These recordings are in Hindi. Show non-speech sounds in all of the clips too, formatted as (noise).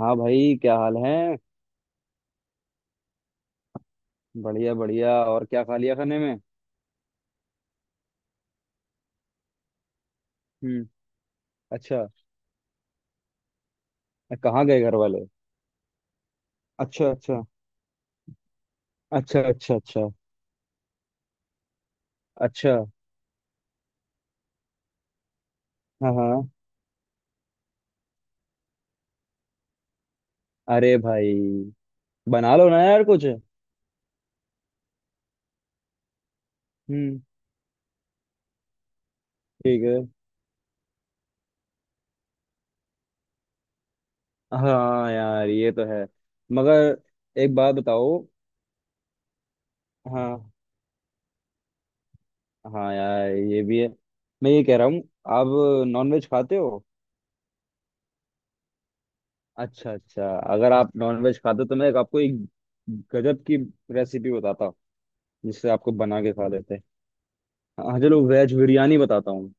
हाँ भाई, क्या हाल है? बढ़िया बढ़िया। और क्या खा लिया खाने में? हम्म। अच्छा। कहाँ गए घर वाले? अच्छा अच्छा अच्छा। अच्छा। अच्छा अच्छा। हाँ हाँ। अरे भाई, बना लो ना यार कुछ। हम्म। ठीक है। हाँ यार, ये तो है। मगर एक बात बताओ। हाँ। हाँ यार, ये भी है। मैं ये कह रहा हूँ, आप नॉनवेज खाते हो? अच्छा अच्छा। अगर आप नॉनवेज खाते हो तो मैं एक आपको एक गजब की रेसिपी बताता हूँ जिससे आपको बना के खा लेते हैं। हाँ, चलो वेज बिरयानी बताता हूँ।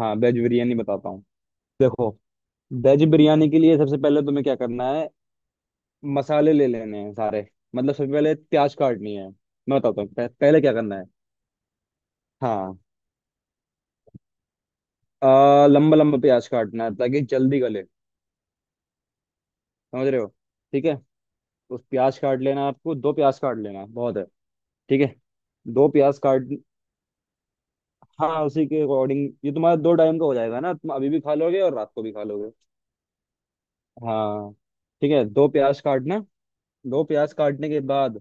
हाँ, वेज बिरयानी बताता हूँ। देखो, वेज बिरयानी के लिए सबसे पहले तुम्हें क्या करना है, मसाले ले लेने हैं सारे। मतलब सबसे पहले प्याज काटनी है। मैं बताता हूँ पहले क्या करना है। हाँ। लंबा लंबा प्याज काटना है ताकि जल्दी गले। समझ रहे हो? ठीक है। उस प्याज काट लेना, आपको दो प्याज काट लेना बहुत है। ठीक है, दो प्याज काट। हाँ, उसी के अकॉर्डिंग ये तुम्हारा दो टाइम का हो जाएगा ना, तुम अभी भी खा लोगे और रात को भी खा लोगे। हाँ। ठीक है, दो प्याज काटना। दो प्याज काटने के बाद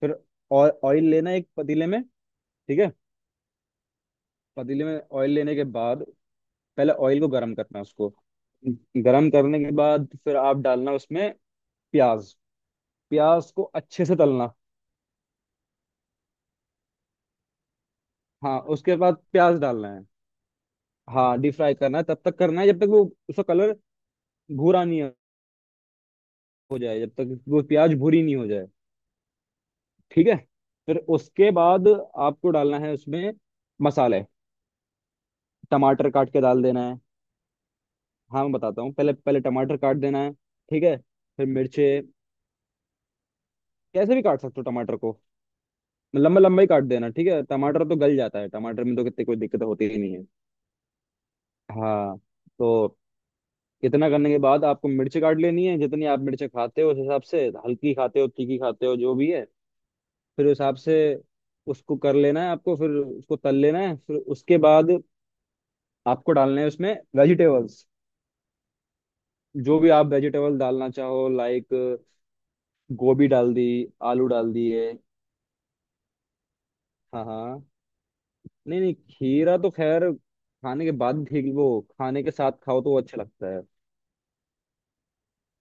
फिर ऑयल लेना है एक पतीले में। ठीक है। पतीले में ऑयल लेने के बाद पहले ऑयल को गर्म करना है उसको। गरम करने के बाद फिर आप डालना उसमें प्याज। प्याज को अच्छे से तलना। हाँ, उसके बाद प्याज डालना है। हाँ, डीप फ्राई करना है तब तक करना है जब तक वो, उसका कलर भूरा नहीं हो जाए, जब तक वो प्याज भूरी नहीं हो जाए। ठीक है, फिर उसके बाद आपको डालना है उसमें मसाले। टमाटर काट के डाल देना है। हाँ, मैं बताता हूँ, पहले पहले टमाटर काट देना है। ठीक है। फिर मिर्चे। कैसे भी काट सकते हो टमाटर को, लंबा लंबा ही काट देना। ठीक है, टमाटर तो गल जाता है, टमाटर में तो कितनी कोई दिक्कत होती ही नहीं है। हाँ। तो इतना करने के बाद आपको मिर्ची काट लेनी है जितनी आप मिर्ची खाते हो, उस हिसाब से, हल्की खाते हो, तीखी खाते हो, जो भी है, फिर उस हिसाब से उसको कर लेना है आपको। फिर उसको तल लेना है। फिर उसके बाद आपको डालना है उसमें वेजिटेबल्स। जो भी आप वेजिटेबल डालना चाहो, लाइक गोभी डाल दी, आलू डाल दिए। हाँ हाँ। नहीं नहीं, खीरा तो खैर खाने के बाद ठीक वो, खाने के साथ खाओ तो वो अच्छा लगता है।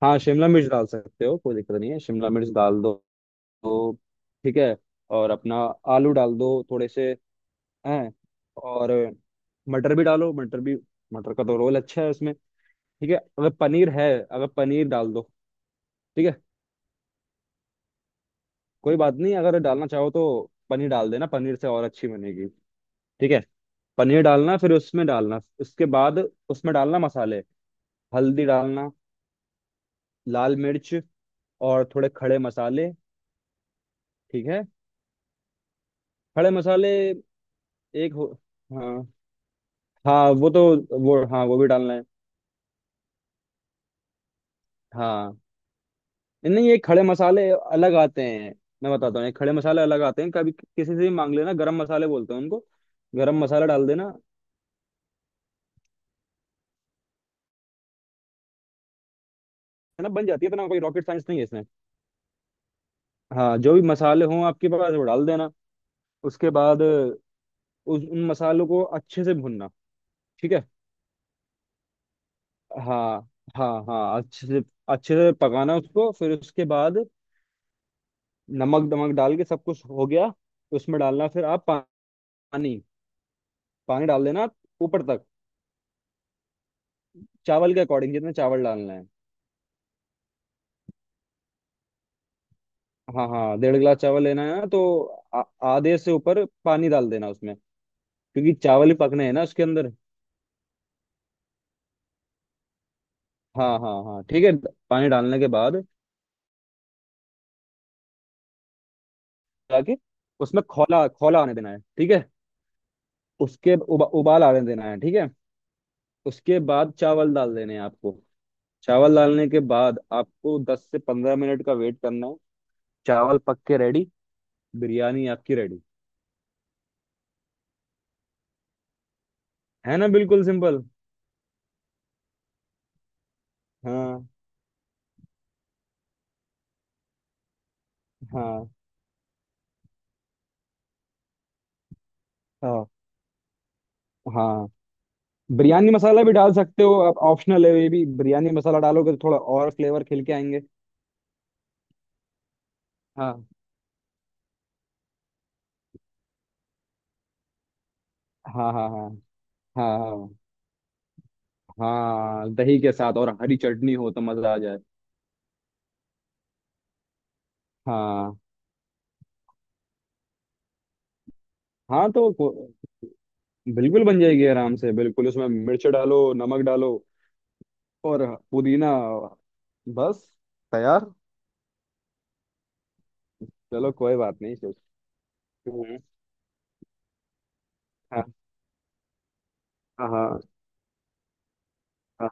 हाँ, शिमला मिर्च डाल सकते हो, कोई दिक्कत नहीं है, शिमला मिर्च डाल दो। तो ठीक है, और अपना आलू डाल दो थोड़े से। हैं। और मटर भी डालो, मटर भी। मटर का तो रोल अच्छा है उसमें। ठीक है, अगर पनीर है, अगर पनीर डाल दो। ठीक है, कोई बात नहीं, अगर डालना चाहो तो पनीर डाल देना, पनीर से और अच्छी बनेगी। ठीक है। पनीर डालना फिर उसमें डालना, उसके बाद उसमें डालना मसाले। हल्दी डालना, लाल मिर्च, और थोड़े खड़े मसाले। ठीक है। खड़े मसाले एक हो। हाँ। हाँ वो तो, वो हाँ वो भी डालना है। हाँ। नहीं, ये खड़े मसाले अलग आते हैं। मैं बताता हूँ, ये खड़े मसाले अलग आते हैं, कभी किसी से भी मांग लेना, गरम मसाले बोलते हैं उनको। गरम मसाला डाल देना है। ना बन जाती है, इतना कोई रॉकेट साइंस नहीं है इसमें। हाँ, जो भी मसाले हों आपके पास वो डाल देना। उसके बाद उस, उन मसालों को अच्छे से भुनना। ठीक है। हाँ हाँ, हाँ अच्छे से, अच्छे से पकाना उसको। फिर उसके बाद नमक दमक डाल के सब कुछ हो गया तो उसमें डालना फिर आप पानी। पानी डाल देना, ऊपर तक, चावल के अकॉर्डिंग जितना चावल डालना है। हाँ हाँ, डेढ़ गिलास चावल लेना है ना तो आ- आधे से ऊपर पानी डाल देना उसमें, क्योंकि चावल ही पकने हैं ना उसके अंदर। हाँ हाँ हाँ, ठीक है। पानी डालने के बाद जाके उसमें खौला खौला आने देना है। ठीक है, उसके उबाल आने देना है। ठीक है, उसके बाद चावल डाल देने हैं आपको। चावल डालने के बाद आपको 10 से 15 मिनट का वेट करना है। चावल पक के रेडी, बिरयानी आपकी रेडी। है ना, बिल्कुल सिंपल। हाँ हाँ हाँ हाँ। बिरयानी मसाला भी डाल सकते हो आप, ऑप्शनल है ये भी, बिरयानी मसाला डालोगे तो थोड़ा और फ्लेवर खिल के आएंगे। हाँ हाँ हाँ हाँ हाँ। हाँ, दही के साथ और हरी चटनी हो तो मजा आ जाए। हाँ। हाँ बिल्कुल बन जाएगी आराम से, बिल्कुल, उसमें मिर्च डालो, नमक डालो, और पुदीना, बस तैयार। चलो कोई बात नहीं। हम्म। हाँ हाँ हाँ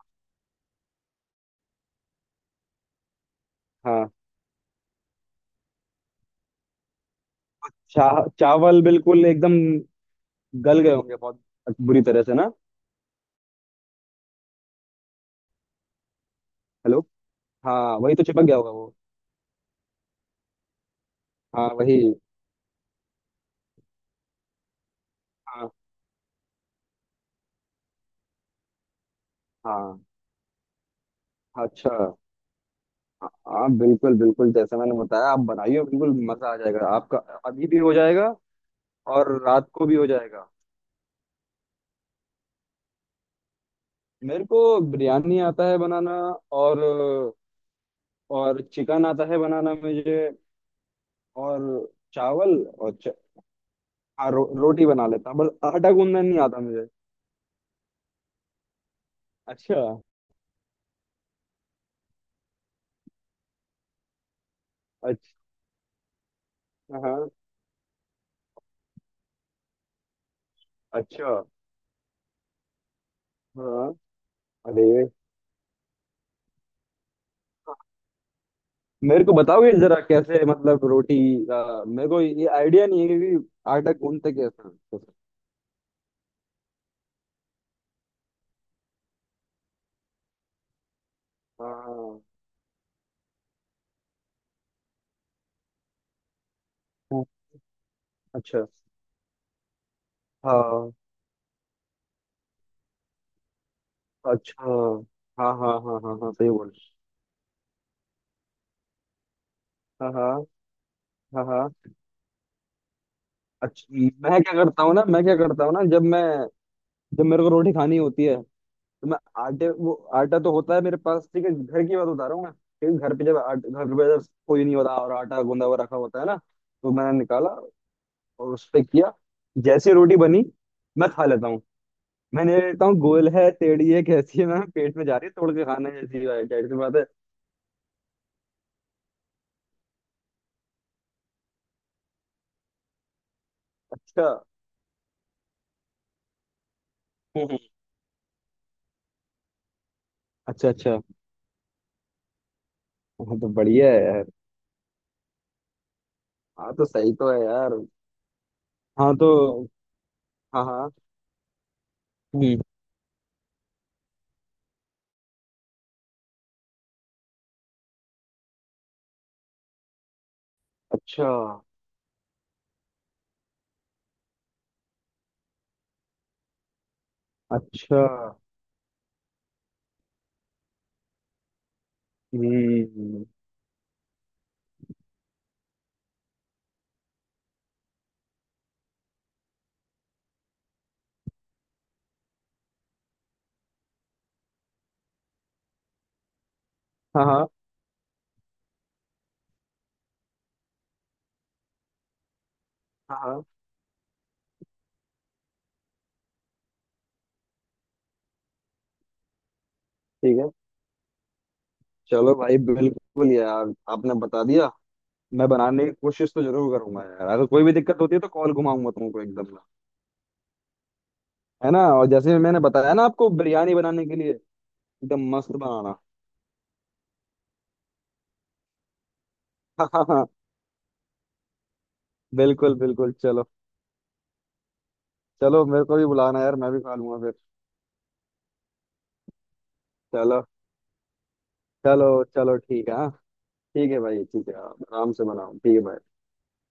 हाँ। चावल बिल्कुल एकदम गल गए होंगे बहुत बुरी तरह से ना। हेलो। हाँ वही तो चिपक गया होगा वो। हाँ वही। हाँ हाँ। अच्छा। हाँ, बिल्कुल बिल्कुल, जैसा मैंने बताया आप बनाइए, बिल्कुल मजा आ जाएगा आपका। अभी भी हो जाएगा और रात को भी हो जाएगा। मेरे को बिरयानी आता है बनाना, और और चिकन आता है बनाना मुझे, और चावल और हाँ रोटी बना लेता हूँ बस। आटा गूंदना नहीं आता मुझे। अच्छा। अच्छा। हाँ। अच्छा। हाँ। अरे। मेरे को बताओगे जरा कैसे मतलब रोटी, मेरे को ये आइडिया नहीं है कि आटा गूंथते कैसे हैं। हाँ हाँ। अच्छा। हाँ। अच्छा। हाँ हाँ हाँ हाँ हाँ, सही बोल। हाँ हाँ। हाँ हाँ। अच्छा। मैं क्या करता हूँ ना, मैं क्या करता हूँ ना, जब मैं, जब मेरे को रोटी खानी होती है तो मैं आटे वो आटा तो होता है मेरे पास ठीक है। घर की बात बता रहा हूँ मैं क्योंकि घर पे जब घर पे जब कोई नहीं होता और आटा गूंदा हुआ रखा होता है ना, तो मैंने निकाला और उस पे किया, जैसे रोटी बनी मैं खा लेता हूँ। मैंने ये देखता हूँ गोल है, टेढ़ी है, कैसी है? मैम पेट में जा रही है, तोड़ के खाना है, जैसी भाई जाहिर सी बात है। अच्छा। हम्म। अच्छा अच्छा। हाँ, तो बढ़िया है। हाँ, तो सही तो है यार। हाँ तो, हाँ हाँ। हम्म। अच्छा अच्छा। हम्म। हाँ हाँ हाँ हाँ। ठीक है, चलो भाई। बिल्कुल यार, आपने बता दिया। मैं बनाने की कोशिश तो जरूर करूंगा यार, अगर कोई भी दिक्कत होती है तो कॉल घुमाऊंगा तुमको एकदम। है ना, और जैसे मैंने बताया ना आपको बिरयानी बनाने के लिए, एकदम मस्त बनाना। (laughs) हाँ हाँ हाँ बिल्कुल बिल्कुल। चलो, चलो मेरे को भी बुलाना यार, मैं भी खा लूंगा फिर। चलो चलो चलो, ठीक है हाँ। ठीक है भाई, ठीक है, आप आराम से बनाओ, ठीक है भाई।